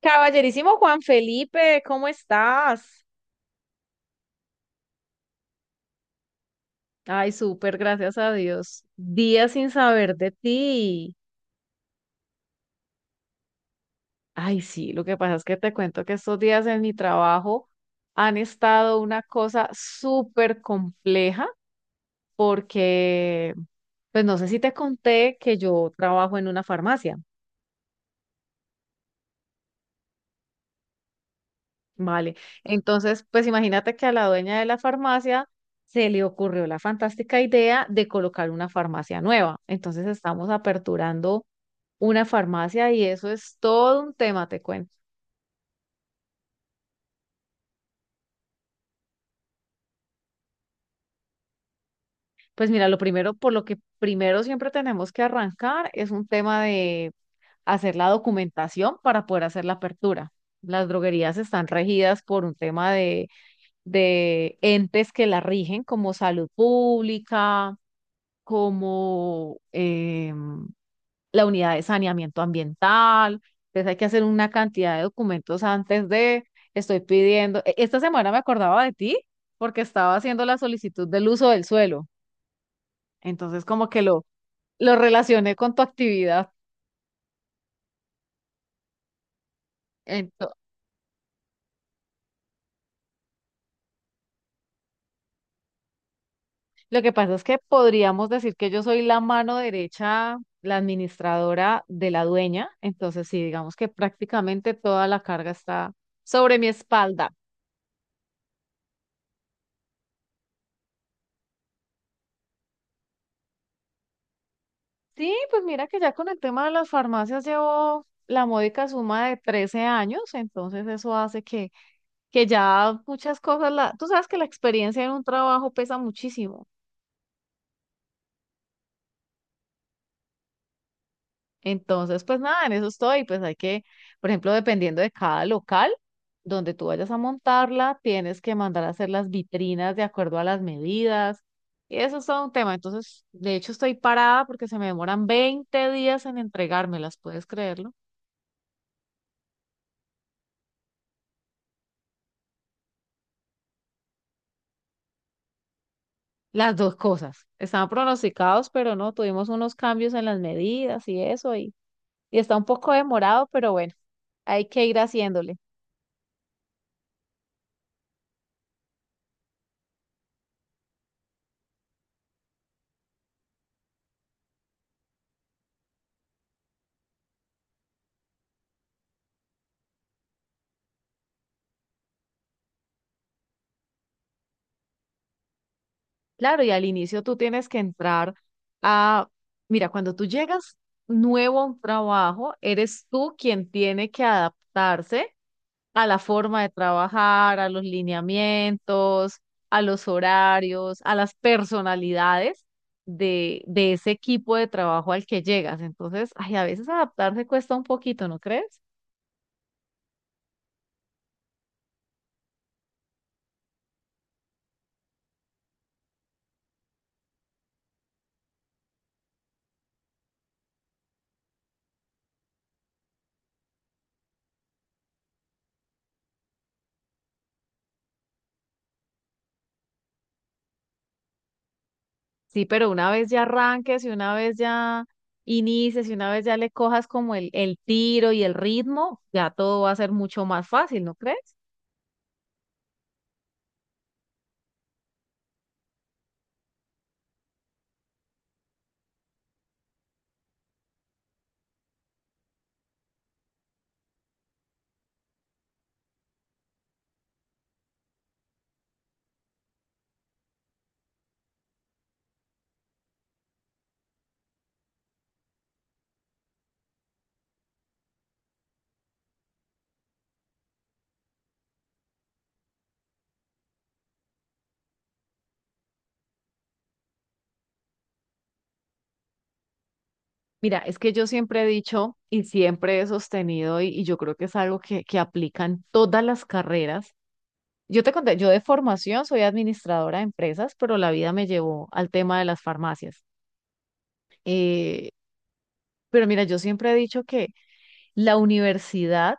Caballerísimo Juan Felipe, ¿cómo estás? Ay, súper, gracias a Dios. Días sin saber de ti. Ay, sí, lo que pasa es que te cuento que estos días en mi trabajo han estado una cosa súper compleja porque, pues no sé si te conté que yo trabajo en una farmacia, ¿vale? Entonces, pues imagínate que a la dueña de la farmacia se le ocurrió la fantástica idea de colocar una farmacia nueva. Entonces estamos aperturando una farmacia y eso es todo un tema, te cuento. Pues mira, lo primero, por lo que primero siempre tenemos que arrancar es un tema de hacer la documentación para poder hacer la apertura. Las droguerías están regidas por un tema de entes que la rigen como salud pública, como la unidad de saneamiento ambiental, entonces hay que hacer una cantidad de documentos antes de, estoy pidiendo, esta semana me acordaba de ti porque estaba haciendo la solicitud del uso del suelo, entonces como que lo relacioné con tu actividad. Ento- lo que pasa es que podríamos decir que yo soy la mano derecha, la administradora de la dueña, entonces sí, digamos que prácticamente toda la carga está sobre mi espalda. Sí, pues mira que ya con el tema de las farmacias llevo la módica suma de 13 años, entonces eso hace que ya muchas cosas, la, tú sabes que la experiencia en un trabajo pesa muchísimo, entonces pues nada, en eso estoy, pues hay que, por ejemplo, dependiendo de cada local donde tú vayas a montarla, tienes que mandar a hacer las vitrinas de acuerdo a las medidas, y eso es todo un tema, entonces de hecho estoy parada porque se me demoran 20 días en entregármelas, ¿puedes creerlo? Las dos cosas. Estaban pronosticados, pero no, tuvimos unos cambios en las medidas y eso, y está un poco demorado, pero bueno, hay que ir haciéndole. Claro, y al inicio tú tienes que entrar a, mira, cuando tú llegas nuevo a un trabajo, eres tú quien tiene que adaptarse a la forma de trabajar, a los lineamientos, a los horarios, a las personalidades de ese equipo de trabajo al que llegas. Entonces, ay, a veces adaptarse cuesta un poquito, ¿no crees? Sí, pero una vez ya arranques y una vez ya inicies y una vez ya le cojas como el tiro y el ritmo, ya todo va a ser mucho más fácil, ¿no crees? Mira, es que yo siempre he dicho y siempre he sostenido, y yo creo que es algo que aplica en todas las carreras. Yo te conté, yo de formación soy administradora de empresas, pero la vida me llevó al tema de las farmacias. Eh, pero mira, yo siempre he dicho que la universidad,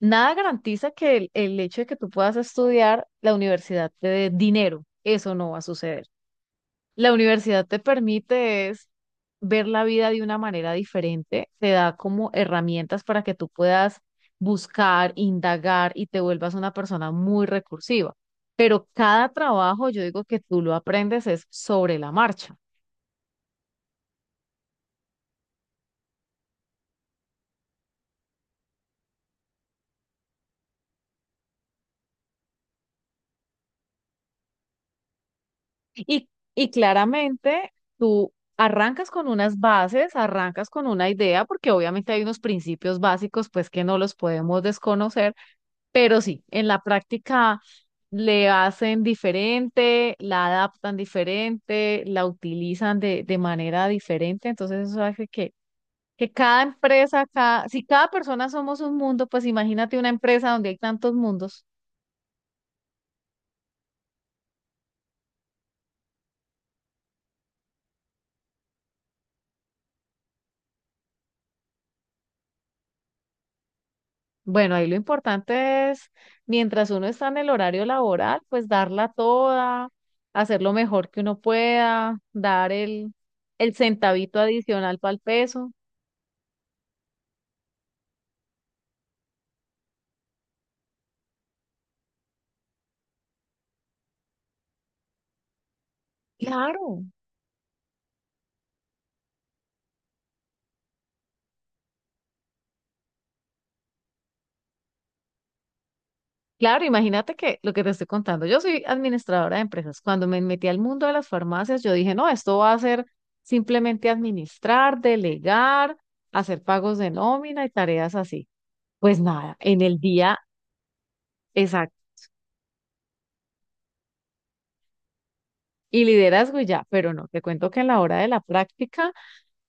nada garantiza que el hecho de que tú puedas estudiar la universidad te dé dinero. Eso no va a suceder. La universidad te permite es ver la vida de una manera diferente, te da como herramientas para que tú puedas buscar, indagar y te vuelvas una persona muy recursiva. Pero cada trabajo, yo digo que tú lo aprendes es sobre la marcha. Y, y claramente tú arrancas con unas bases, arrancas con una idea, porque obviamente hay unos principios básicos pues que no los podemos desconocer. Pero sí, en la práctica le hacen diferente, la adaptan diferente, la utilizan de manera diferente. Entonces eso hace que cada empresa, cada, si cada persona somos un mundo, pues imagínate una empresa donde hay tantos mundos. Bueno, ahí lo importante es, mientras uno está en el horario laboral, pues darla toda, hacer lo mejor que uno pueda, dar el centavito adicional para el peso. Claro. Claro, imagínate que lo que te estoy contando, yo soy administradora de empresas. Cuando me metí al mundo de las farmacias, yo dije, no, esto va a ser simplemente administrar, delegar, hacer pagos de nómina y tareas así. Pues nada, en el día exacto. Y liderazgo y ya, pero no, te cuento que a la hora de la práctica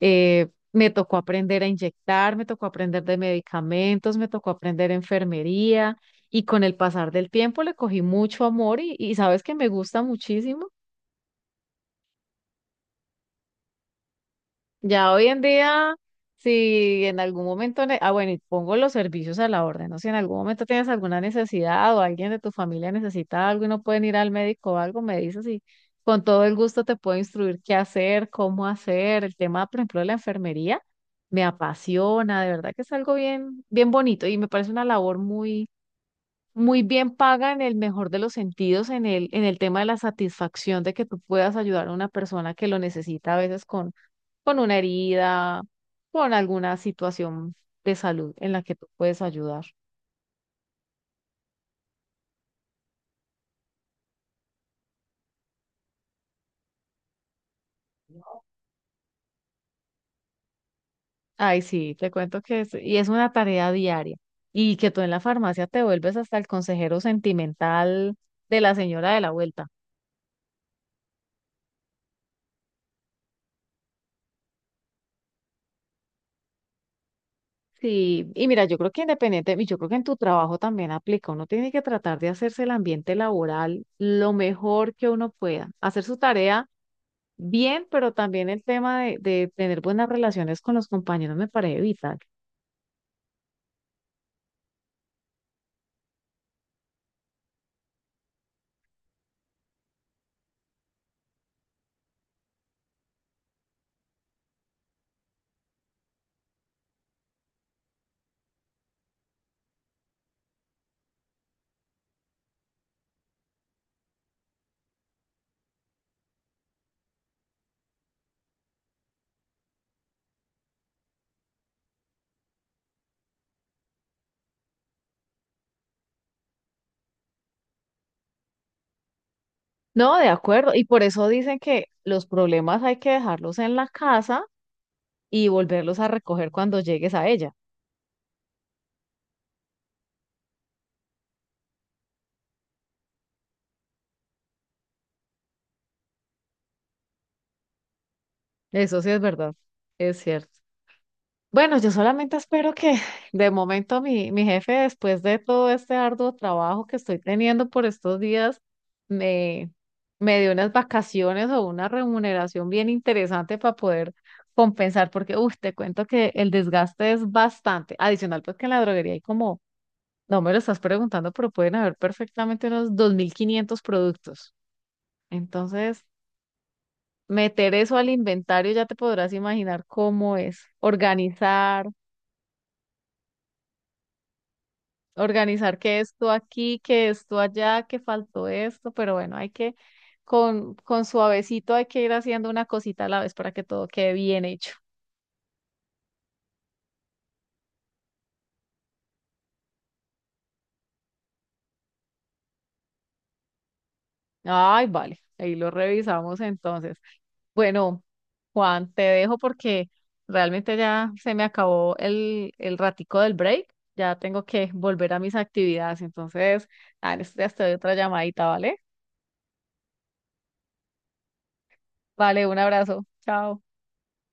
me tocó aprender a inyectar, me tocó aprender de medicamentos, me tocó aprender enfermería y con el pasar del tiempo le cogí mucho amor y sabes que me gusta muchísimo. Ya hoy en día, si en algún momento, ah, bueno, y pongo los servicios a la orden, ¿no? Si en algún momento tienes alguna necesidad o alguien de tu familia necesita algo y no pueden ir al médico o algo, me dices y con todo el gusto te puedo instruir qué hacer, cómo hacer. El tema, por ejemplo, de la enfermería me apasiona, de verdad que es algo bien, bien bonito y me parece una labor muy, muy bien paga en el mejor de los sentidos, en en el tema de la satisfacción de que tú puedas ayudar a una persona que lo necesita a veces con una herida, con alguna situación de salud en la que tú puedes ayudar. Ay, sí, te cuento que es, y es una tarea diaria. Y que tú en la farmacia te vuelves hasta el consejero sentimental de la señora de la vuelta. Sí, y mira, yo creo que independiente, y yo creo que en tu trabajo también aplica, uno tiene que tratar de hacerse el ambiente laboral lo mejor que uno pueda, hacer su tarea bien, pero también el tema de tener buenas relaciones con los compañeros me parece vital. No, de acuerdo. Y por eso dicen que los problemas hay que dejarlos en la casa y volverlos a recoger cuando llegues a ella. Eso sí es verdad, es cierto. Bueno, yo solamente espero que de momento mi jefe, después de todo este arduo trabajo que estoy teniendo por estos días, me, me dé unas vacaciones o una remuneración bien interesante para poder compensar, porque, uff, te cuento que el desgaste es bastante. Adicional, pues que en la droguería hay como No me lo estás preguntando, pero pueden haber perfectamente unos 2500 productos. Entonces, meter eso al inventario ya te podrás imaginar cómo es. Organizar, organizar que esto aquí, que esto allá, que faltó esto, pero bueno, hay que, con suavecito hay que ir haciendo una cosita a la vez para que todo quede bien hecho. Ay, vale, ahí lo revisamos entonces. Bueno, Juan, te dejo porque realmente ya se me acabó el ratico del break. Ya tengo que volver a mis actividades. Entonces, ah, en estos días te doy otra llamadita, ¿vale? Vale, un abrazo. Chao.